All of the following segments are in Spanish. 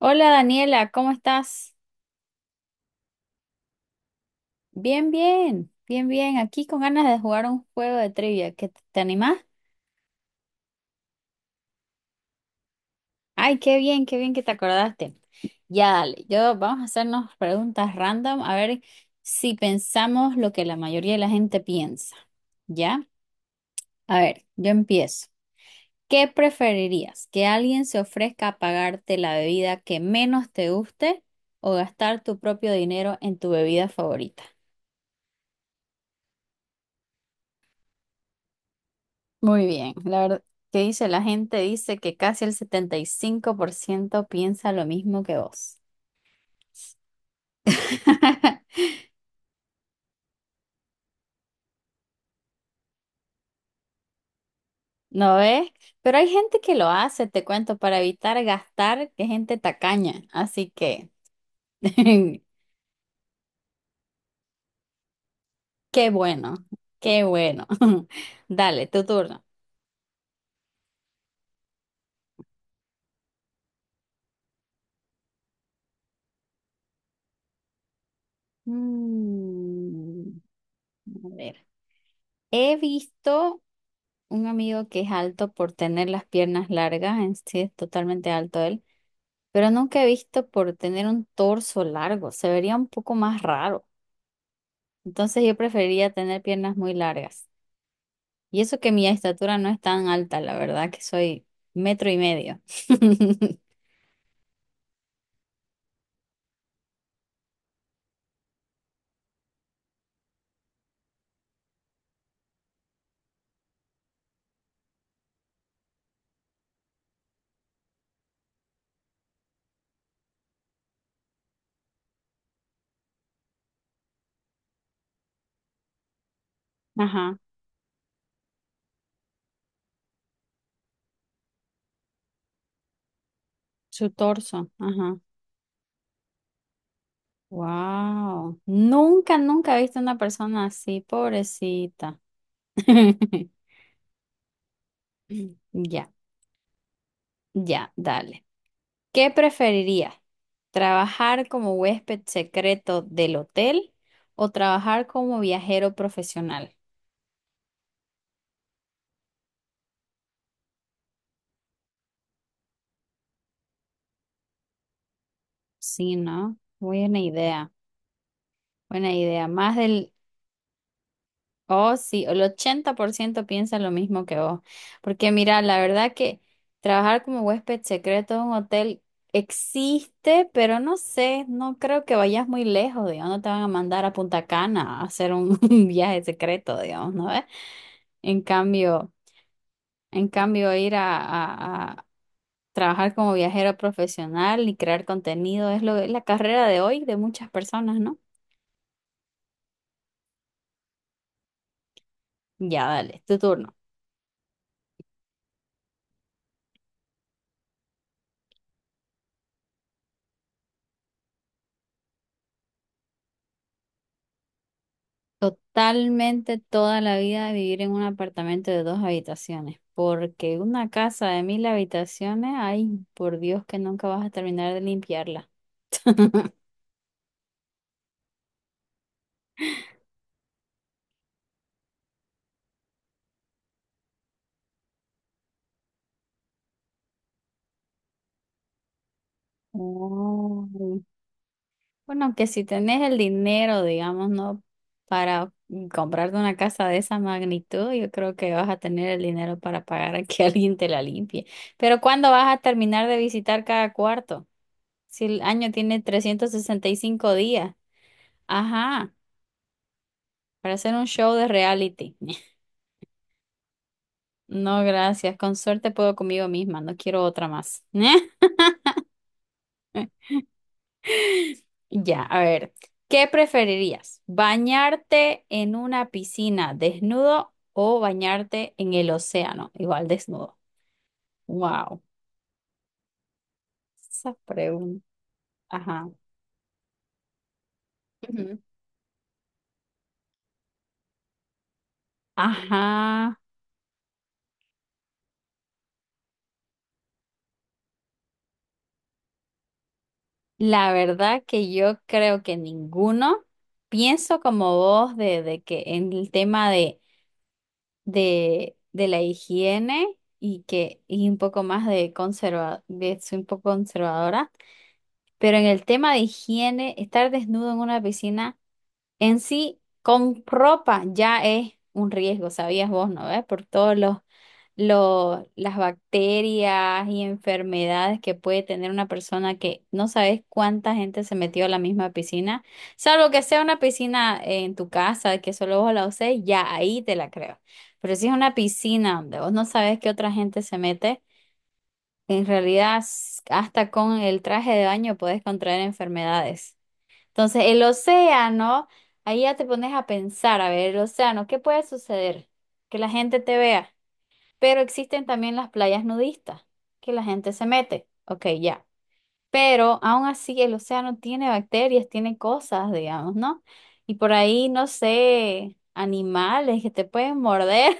Hola Daniela, ¿cómo estás? Bien, bien, bien, bien. Aquí con ganas de jugar un juego de trivia. ¿Qué te animás? Ay, qué bien que te acordaste. Ya, dale. Yo vamos a hacernos preguntas random a ver si pensamos lo que la mayoría de la gente piensa. ¿Ya? A ver, yo empiezo. ¿Qué preferirías? ¿Que alguien se ofrezca a pagarte la bebida que menos te guste o gastar tu propio dinero en tu bebida favorita? Muy bien, la verdad, ¿qué dice la gente? Dice que casi el 75% piensa lo mismo que vos. ¿No ves? Pero hay gente que lo hace, te cuento, para evitar gastar, que gente tacaña. Así que, qué bueno, qué bueno. Dale, tu turno. Mm, a ver, he visto un amigo que es alto por tener las piernas largas, en sí es totalmente alto él. Pero nunca he visto por tener un torso largo, se vería un poco más raro. Entonces yo preferiría tener piernas muy largas. Y eso que mi estatura no es tan alta, la verdad que soy metro y medio. Ajá, su torso, ajá. Wow, nunca, nunca he visto una persona así, pobrecita. Ya, ya, dale. ¿Qué preferiría? ¿Trabajar como huésped secreto del hotel o trabajar como viajero profesional? Sí, ¿no? Buena idea, buena idea. Más del, oh sí, el 80% piensa lo mismo que vos. Porque mira, la verdad que trabajar como huésped secreto de un hotel existe, pero no sé, no creo que vayas muy lejos, digamos, no te van a mandar a Punta Cana a hacer un, un viaje secreto, digamos, ¿no ves? En cambio... En cambio, ir a, a trabajar como viajero profesional y crear contenido es lo, es la carrera de hoy de muchas personas, ¿no? Ya, dale, tu turno. Totalmente toda la vida vivir en un apartamento de dos habitaciones, porque una casa de 1000 habitaciones, ay, por Dios que nunca vas a terminar de limpiarla. Oh. Bueno, que si tenés el dinero, digamos, ¿no? Para comprarte una casa de esa magnitud, yo creo que vas a tener el dinero para pagar a que alguien te la limpie. Pero ¿cuándo vas a terminar de visitar cada cuarto? Si el año tiene 365 días. Ajá, para hacer un show de reality. No, gracias. Con suerte puedo conmigo misma. No quiero otra más. Ya, a ver, ¿qué preferirías? ¿Bañarte en una piscina desnudo o bañarte en el océano igual desnudo? Wow, esa pregunta. Ajá. Ujú. Ajá. La verdad que yo creo que ninguno. Pienso como vos de que en el tema de la higiene y que y un poco más de conserva, de soy un poco conservadora. Pero en el tema de higiene, estar desnudo en una piscina en sí con ropa ya es un riesgo, sabías vos, ¿no ves? Por todos los, las bacterias y enfermedades que puede tener una persona que no sabes cuánta gente se metió a la misma piscina, salvo que sea una piscina en tu casa que solo vos la uses, ya ahí te la creo. Pero si es una piscina donde vos no sabes qué otra gente se mete, en realidad, hasta con el traje de baño puedes contraer enfermedades. Entonces, el océano, ahí ya te pones a pensar, a ver, el océano, ¿qué puede suceder? Que la gente te vea. Pero existen también las playas nudistas, que la gente se mete. Ok, ya. Pero aún así, el océano tiene bacterias, tiene cosas, digamos, ¿no? Y por ahí, no sé, animales que te pueden morder.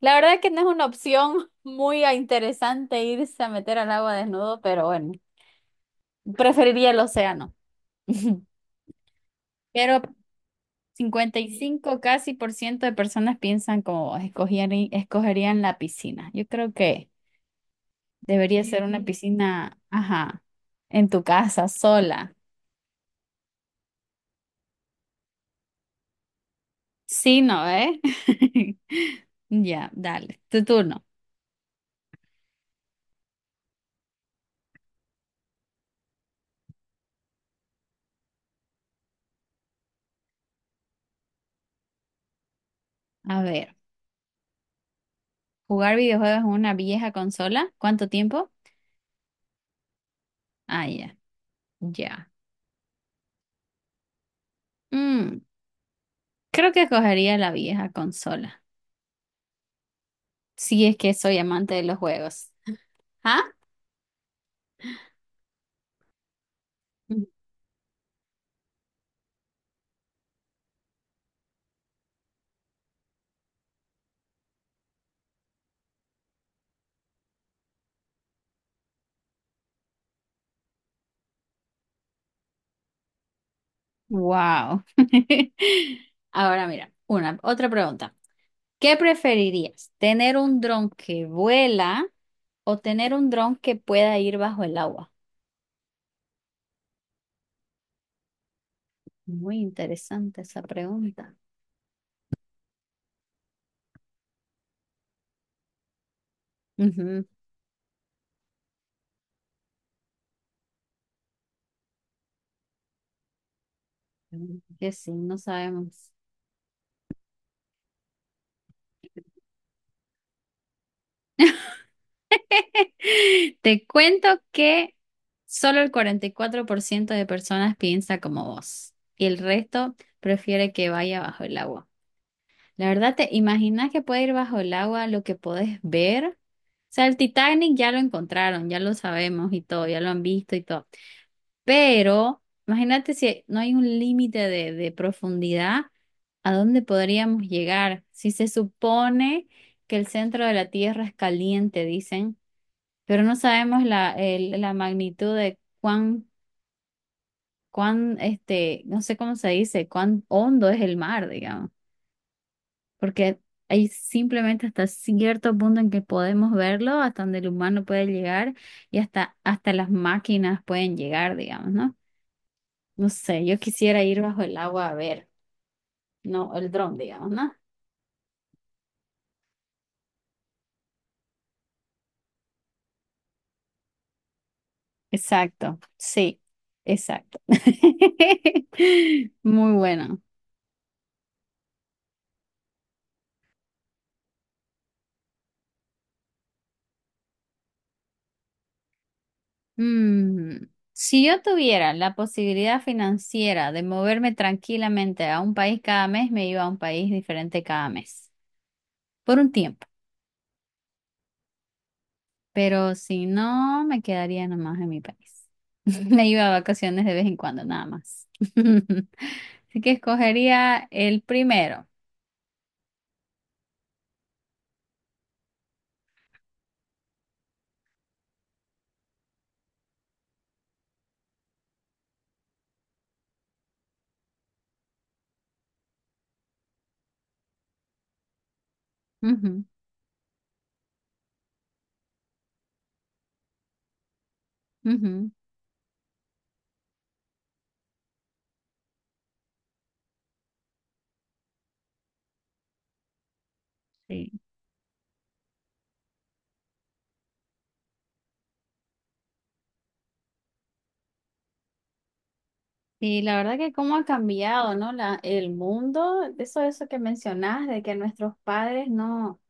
La verdad que no es una opción muy interesante irse a meter al agua desnudo, pero bueno, preferiría el océano. Pero 55 casi por ciento de personas piensan como vos, escogerían la piscina. Yo creo que debería ser una, sí, piscina, ajá, en tu casa, sola. Sí, ¿no, eh? Ya, dale, tu turno. A ver, ¿jugar videojuegos en una vieja consola? ¿Cuánto tiempo? Ah, ya, ya. Mm, creo que cogería la vieja consola, si es que soy amante de los juegos. ¿Ah? Wow. Ahora mira, otra pregunta. ¿Qué preferirías? ¿Tener un dron que vuela o tener un dron que pueda ir bajo el agua? Muy interesante esa pregunta. Ujú. Que sí, no sabemos. Te cuento que solo el 44% de personas piensa como vos y el resto prefiere que vaya bajo el agua. La verdad, ¿te imaginas que puede ir bajo el agua lo que podés ver? O sea, el Titanic ya lo encontraron, ya lo sabemos y todo, ya lo han visto y todo. Pero imagínate si no hay un límite de profundidad, ¿a dónde podríamos llegar? Si se supone que el centro de la Tierra es caliente, dicen pero no sabemos la, la magnitud de cuán, no sé cómo se dice, cuán hondo es el mar, digamos, porque hay simplemente hasta cierto punto en que podemos verlo, hasta donde el humano puede llegar y hasta las máquinas pueden llegar, digamos, ¿no? No sé, yo quisiera ir bajo el agua a ver, no, el dron, digamos, ¿no? Exacto, sí, exacto. Muy bueno. Mm, si yo tuviera la posibilidad financiera de moverme tranquilamente a un país cada mes, me iba a un país diferente cada mes, por un tiempo. Pero si no, me quedaría nomás en mi país. Me iba a vacaciones de vez en cuando, nada más. Así que escogería el primero. Ujú, ujú, sí. Y la verdad que cómo ha cambiado, ¿no? El mundo, eso que mencionás, de que nuestros padres no.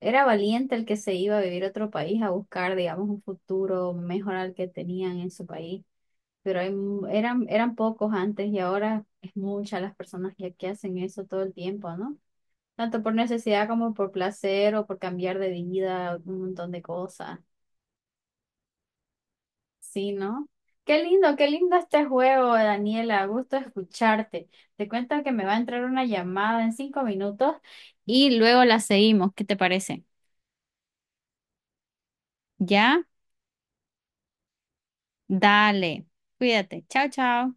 Era valiente el que se iba a vivir a otro país a buscar, digamos, un futuro mejor al que tenían en su país. Pero eran pocos antes y ahora es muchas las personas que, hacen eso todo el tiempo, ¿no? Tanto por necesidad como por placer o por cambiar de vida, un montón de cosas. Sí, ¿no? Qué lindo este juego, Daniela. Gusto escucharte. Te cuento que me va a entrar una llamada en 5 minutos y luego la seguimos. ¿Qué te parece? ¿Ya? Dale, cuídate. Chao, chao.